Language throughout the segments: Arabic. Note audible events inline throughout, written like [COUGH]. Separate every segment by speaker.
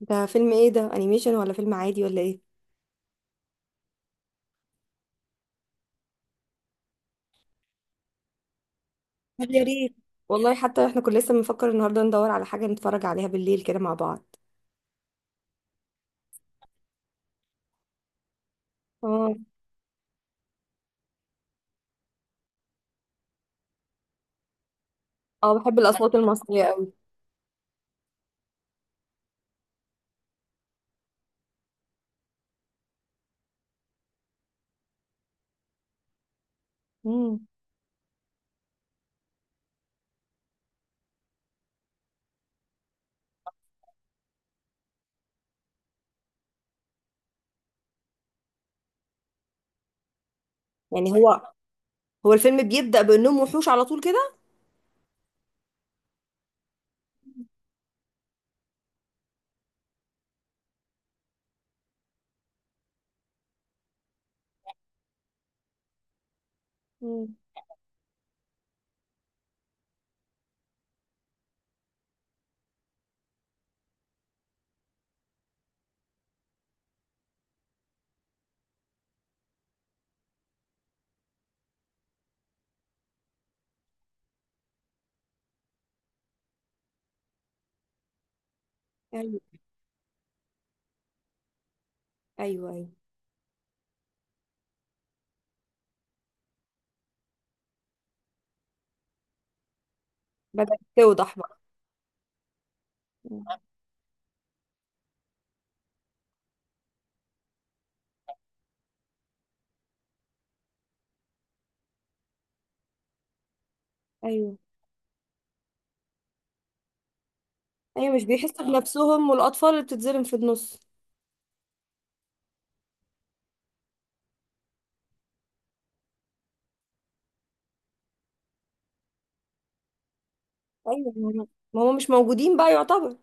Speaker 1: ده فيلم ايه؟ ده انيميشن ولا فيلم عادي ولا ايه؟ طب يا ريت. والله حتى احنا كنا لسه بنفكر النهارده ندور على حاجه نتفرج عليها بالليل كده مع بعض. اه. اه، بحب الاصوات المصريه قوي. امم يعني هو الفيلم بيبدا بانهم وحوش على طول كده؟ امم. ايوه. ايوه، ايوه. بدات توضح بقى. مم. ايوه. ايوه، مش بيحسوا بنفسهم والاطفال اللي بتتظلم في النص. ايوه، ما هم مش موجودين بقى يعتبر.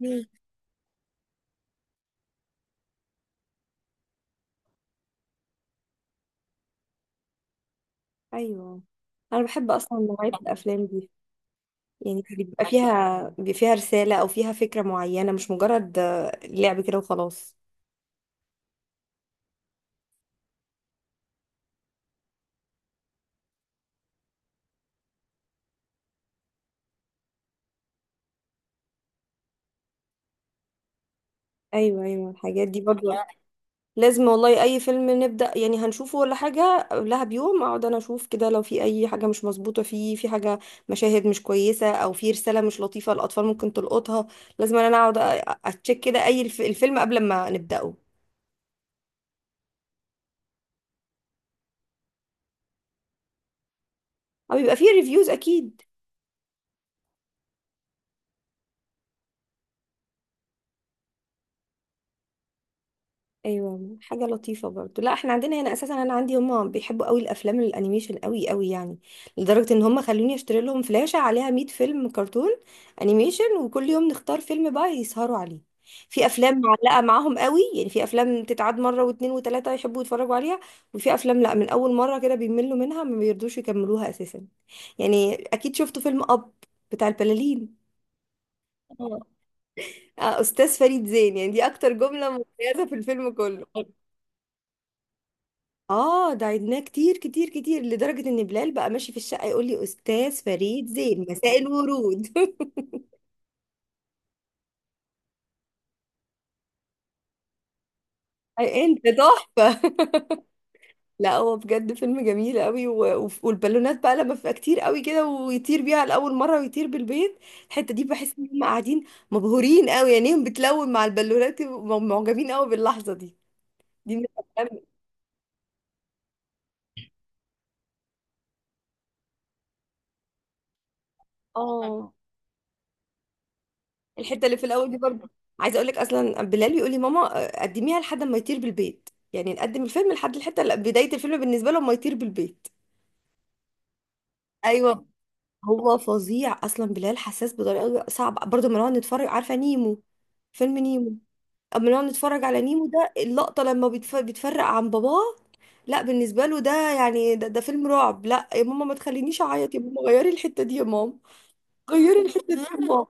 Speaker 1: مم. ايوه. انا بحب اصلا نوعيه الافلام دي. يعني بيبقى فيها رسالة أو فيها فكرة معينة مش مجرد لعب كده وخلاص. أيوة، أيوة، الحاجات دي برضو. لازم والله، أي فيلم نبدأ يعني هنشوفه ولا حاجة قبلها بيوم أقعد أنا أشوف كده، لو في أي حاجة مش مظبوطة فيه، في حاجة، مشاهد مش كويسة أو في رسالة مش لطيفة الأطفال ممكن تلقطها. لازم أنا أقعد أتشيك كده أي الفيلم قبل ما نبدأه. أو يبقى فيه ريفيوز أكيد. ايوه، حاجه لطيفه برضو. لا، احنا عندنا هنا اساسا، انا عندي هما بيحبوا قوي الافلام الانيميشن قوي قوي يعني. لدرجه ان هما خلوني اشتري لهم فلاشه عليها 100 فيلم كرتون انيميشن، وكل يوم نختار فيلم بقى يسهروا عليه. في افلام معلقه معاهم قوي، يعني في افلام تتعاد مره واتنين وتلاته يحبوا يتفرجوا عليها. وفي افلام لا، من اول مره كده بيملوا منها ما بيرضوش يكملوها اساسا. يعني اكيد شفتوا فيلم اب بتاع البلالين. آه. استاذ فريد زين، يعني دي اكتر جمله مميزه في الفيلم كله. اه، ده عدناه كتير كتير كتير لدرجة ان بلال بقى ماشي في الشقة يقول لي استاذ فريد زين مساء الورود. [LAUGHS] أي انت تحفة. [LAUGHS] لا، هو بجد فيلم جميل قوي، والبالونات بقى لما بتبقى كتير قوي كده ويطير بيها لأول مرة ويطير بالبيت. الحتة دي بحس ان هم قاعدين مبهورين قوي، عينيهم بتلون مع البالونات، ومعجبين قوي باللحظة دي. دي من الافلام. اه. الحته اللي في الاول دي برضه، عايزه اقول لك اصلا بلال يقول لي ماما قدميها لحد ما يطير بالبيت، يعني نقدم الفيلم لحد الحته اللي بدايه الفيلم بالنسبه له، ما يطير بالبيت. ايوه. هو فظيع اصلا بلال، حساس بطريقه صعبه برضه لما نقعد نتفرج. عارفه نيمو؟ فيلم نيمو. اما نقعد نتفرج على نيمو ده، اللقطه لما بيتفرق عن باباه. لا، بالنسبه له ده يعني ده فيلم رعب. لا يا ماما، ما تخلينيش اعيط يا ماما، غيري الحته دي يا ماما. غيري الحته دي يا ماما.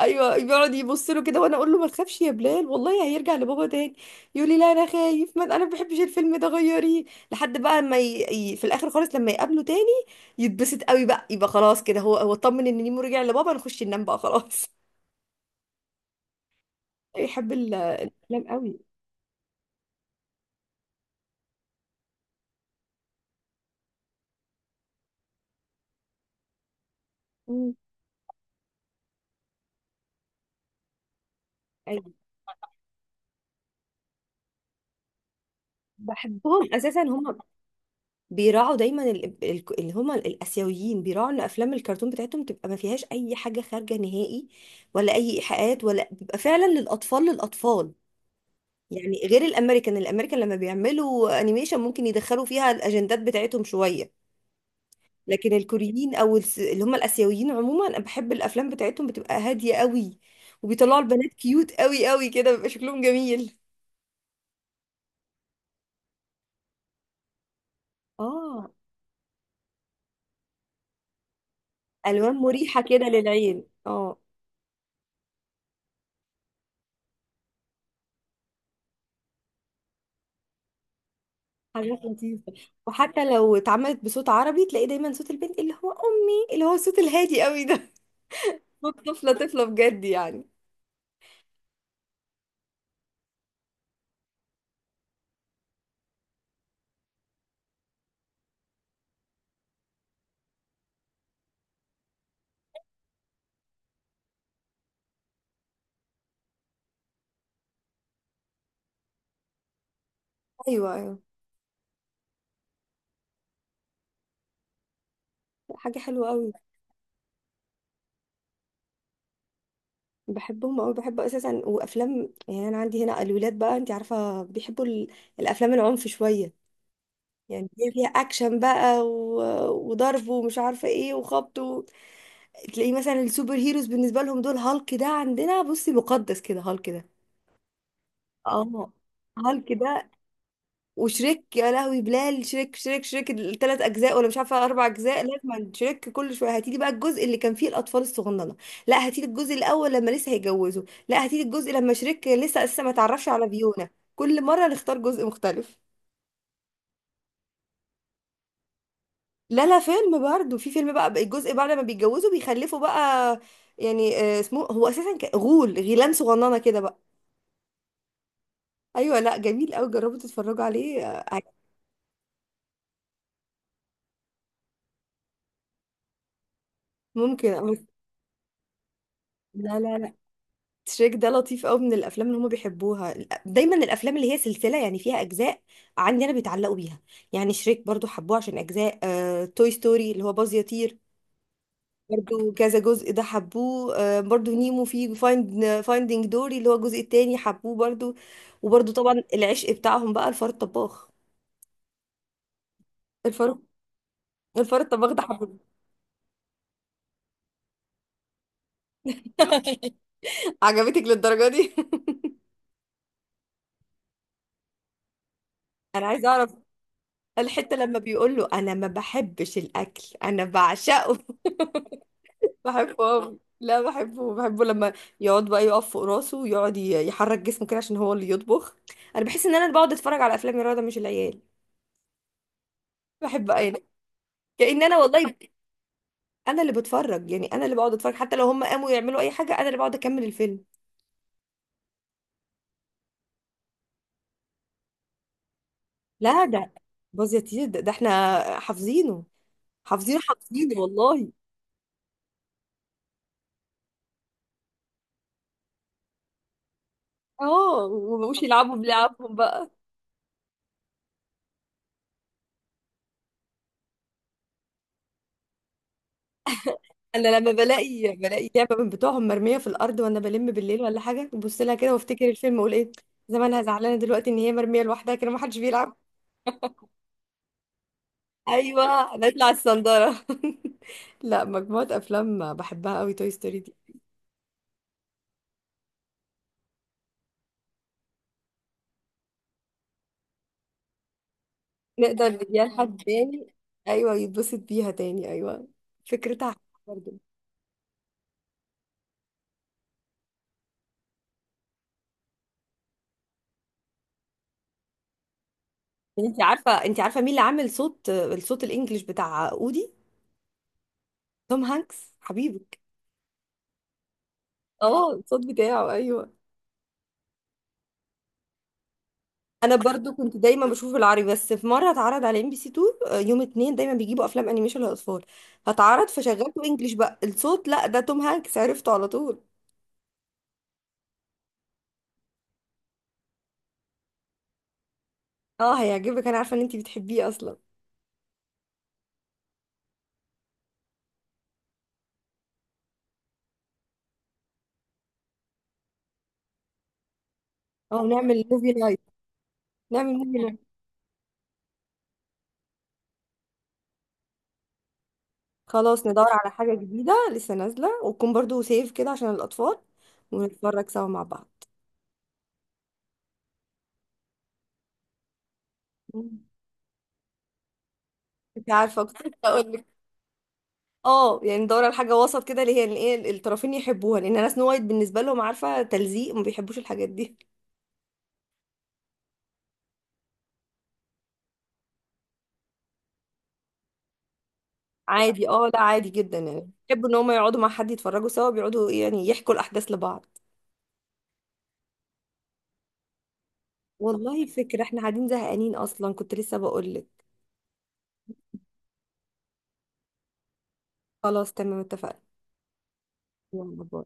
Speaker 1: ايوه، بيقعد يبص له كده، وانا اقول له ما تخافش يا بلال، والله هيرجع لبابا تاني. يقول لي لا انا خايف، ما انا ما بحبش الفيلم ده، غيريه. لحد بقى ما في الاخر خالص لما يقابله تاني، يتبسط قوي بقى، يبقى خلاص كده هو اطمن ان نيمو رجع لبابا، نخش ننام بقى خلاص. [LAUGHS] يحب الافلام قوي. امم. ايوه، بحبهم اساسا هم. بيراعوا دايما اللي هم الاسيويين، بيراعوا ان افلام الكرتون بتاعتهم تبقى ما فيهاش اي حاجه خارجه نهائي، ولا اي ايحاءات، ولا بيبقى فعلا للاطفال للاطفال. يعني غير الامريكان، الامريكان لما بيعملوا انيميشن ممكن يدخلوا فيها الاجندات بتاعتهم شويه. لكن الكوريين او اللي هم الاسيويين عموما، انا بحب الافلام بتاعتهم، بتبقى هاديه قوي. وبيطلعوا البنات كيوت قوي قوي كده، بيبقى شكلهم جميل. اه، الوان مريحه كده للعين. اه. حاجات لطيفه. وحتى لو اتعملت بصوت عربي تلاقي دايما صوت البنت اللي هو امي، اللي هو الصوت الهادي قوي ده. [LAUGHS] صوت طفله طفله بجد يعني. ايوه. ايوه، حاجه حلوه قوي. بحبهم أوي، بحب اساسا وافلام، يعني انا عندي هنا الولاد بقى انت عارفه بيحبوا الافلام العنف شويه، يعني هي فيها اكشن بقى وضرب ومش عارفه ايه وخبط. تلاقيه مثلا السوبر هيروز بالنسبه لهم دول، هالك ده عندنا بصي مقدس كده، هالك ده. اه. هالك ده. وشريك، يا لهوي، بلال شريك شريك شريك الثلاث اجزاء ولا مش عارفه اربع اجزاء، لازم شريك كل شويه، هاتيلي بقى الجزء اللي كان فيه الاطفال الصغننه. لا، هاتيلي الجزء الاول لما لسه هيجوزوا. لا، هاتيلي الجزء لما شريك لسه اساسا ما تعرفش على فيونا. كل مره نختار جزء مختلف. لا، لا، فيلم برضه، في فيلم بقى الجزء بعد ما بيتجوزوا بيخلفوا بقى، يعني اسمه هو اساسا غول، غيلان صغننه كده بقى. ايوه. لا، جميل قوي، جربوا تتفرجوا عليه. ممكن. لا، لا، لا. تريك ده لطيف قوي، من الافلام اللي هم بيحبوها. دايما الافلام اللي هي سلسله يعني فيها اجزاء عندي انا بيتعلقوا بيها. يعني شريك برضو حبوه عشان اجزاء. توي ستوري اللي هو باز يطير، برضو كذا جزء ده حبوه. برضو نيمو في فايندينج دوري اللي هو الجزء التاني حبوه برضو. وبرضو طبعا العشق بتاعهم بقى الفار الطباخ. الفار الفار الطباخ ده حبوه. [LAUGHS] عجبتك للدرجه دي. [LAUGHS] انا عايزه اعرف. الحته لما بيقول له انا ما بحبش الاكل انا بعشقه. بحبه أوي. لا، بحبه بحبه لما يقعد بقى يقف فوق راسه، ويقعد يحرك جسمه كده عشان هو اللي يطبخ. انا بحس ان انا اللي بقعد اتفرج على افلام الرياضه مش العيال. بحب انا، كأن انا والله انا اللي بتفرج، يعني انا اللي بقعد اتفرج حتى لو هم قاموا يعملوا اي حاجه انا اللي بقعد اكمل الفيلم. لا، ده باظ يا تيت، ده احنا حافظينه. حافظينه حافظينه والله. اه، ومبقوش يلعبوا بلعبهم بقى. انا لما بلاقي لعبه من بتوعهم مرميه في الارض وانا بلم بالليل ولا حاجه، ببص لها كده وافتكر الفيلم واقول ايه، زمانها زعلانه دلوقتي ان هي مرميه لوحدها كده، ما حدش بيلعب. ايوه، نطلع الصنداره. [LAUGHS] لا، مجموعه افلام بحبها قوي توي ستوري دي. نقدر نديها لحد تاني. ايوه، يتبسط بيها تاني، ايوه. فكرتها حلوة برضه. انت عارفه مين اللي عامل صوت الانجليش بتاع اودي؟ توم هانكس حبيبك. اه، الصوت بتاعه، ايوه. انا برضو كنت دايما بشوف العربي، بس في مره اتعرض على MBC2، يوم اتنين دايما بيجيبوا افلام انيميشن للاطفال، فاتعرض فشغلته انجليش بقى الصوت، لا ده توم هانكس عرفته على طول. اه، هيعجبك، انا عارفه ان انتي بتحبيه اصلا. اه، نعمل موفي نايت. نعمل موفي نايت. خلاص ندور على حاجه جديده لسه نازله، وتكون برضو سيف كده عشان الاطفال، ونتفرج سوا مع بعض. مم. انت عارفه، كنت لسه اقول لك. اه، يعني ندور على حاجه وسط كده اللي هي الايه الطرفين يحبوها، لان انا سنو وايت بالنسبه لهم، عارفه، تلزيق، ما بيحبوش الحاجات دي. عادي، اه، لا عادي جدا يعني، بيحبوا ان هم يقعدوا مع حد يتفرجوا سوا، بيقعدوا يعني يحكوا الاحداث لبعض. والله فكرة، احنا قاعدين زهقانين اصلا، كنت لسه بقول لك. خلاص، تمام، اتفقنا. يلا، باي.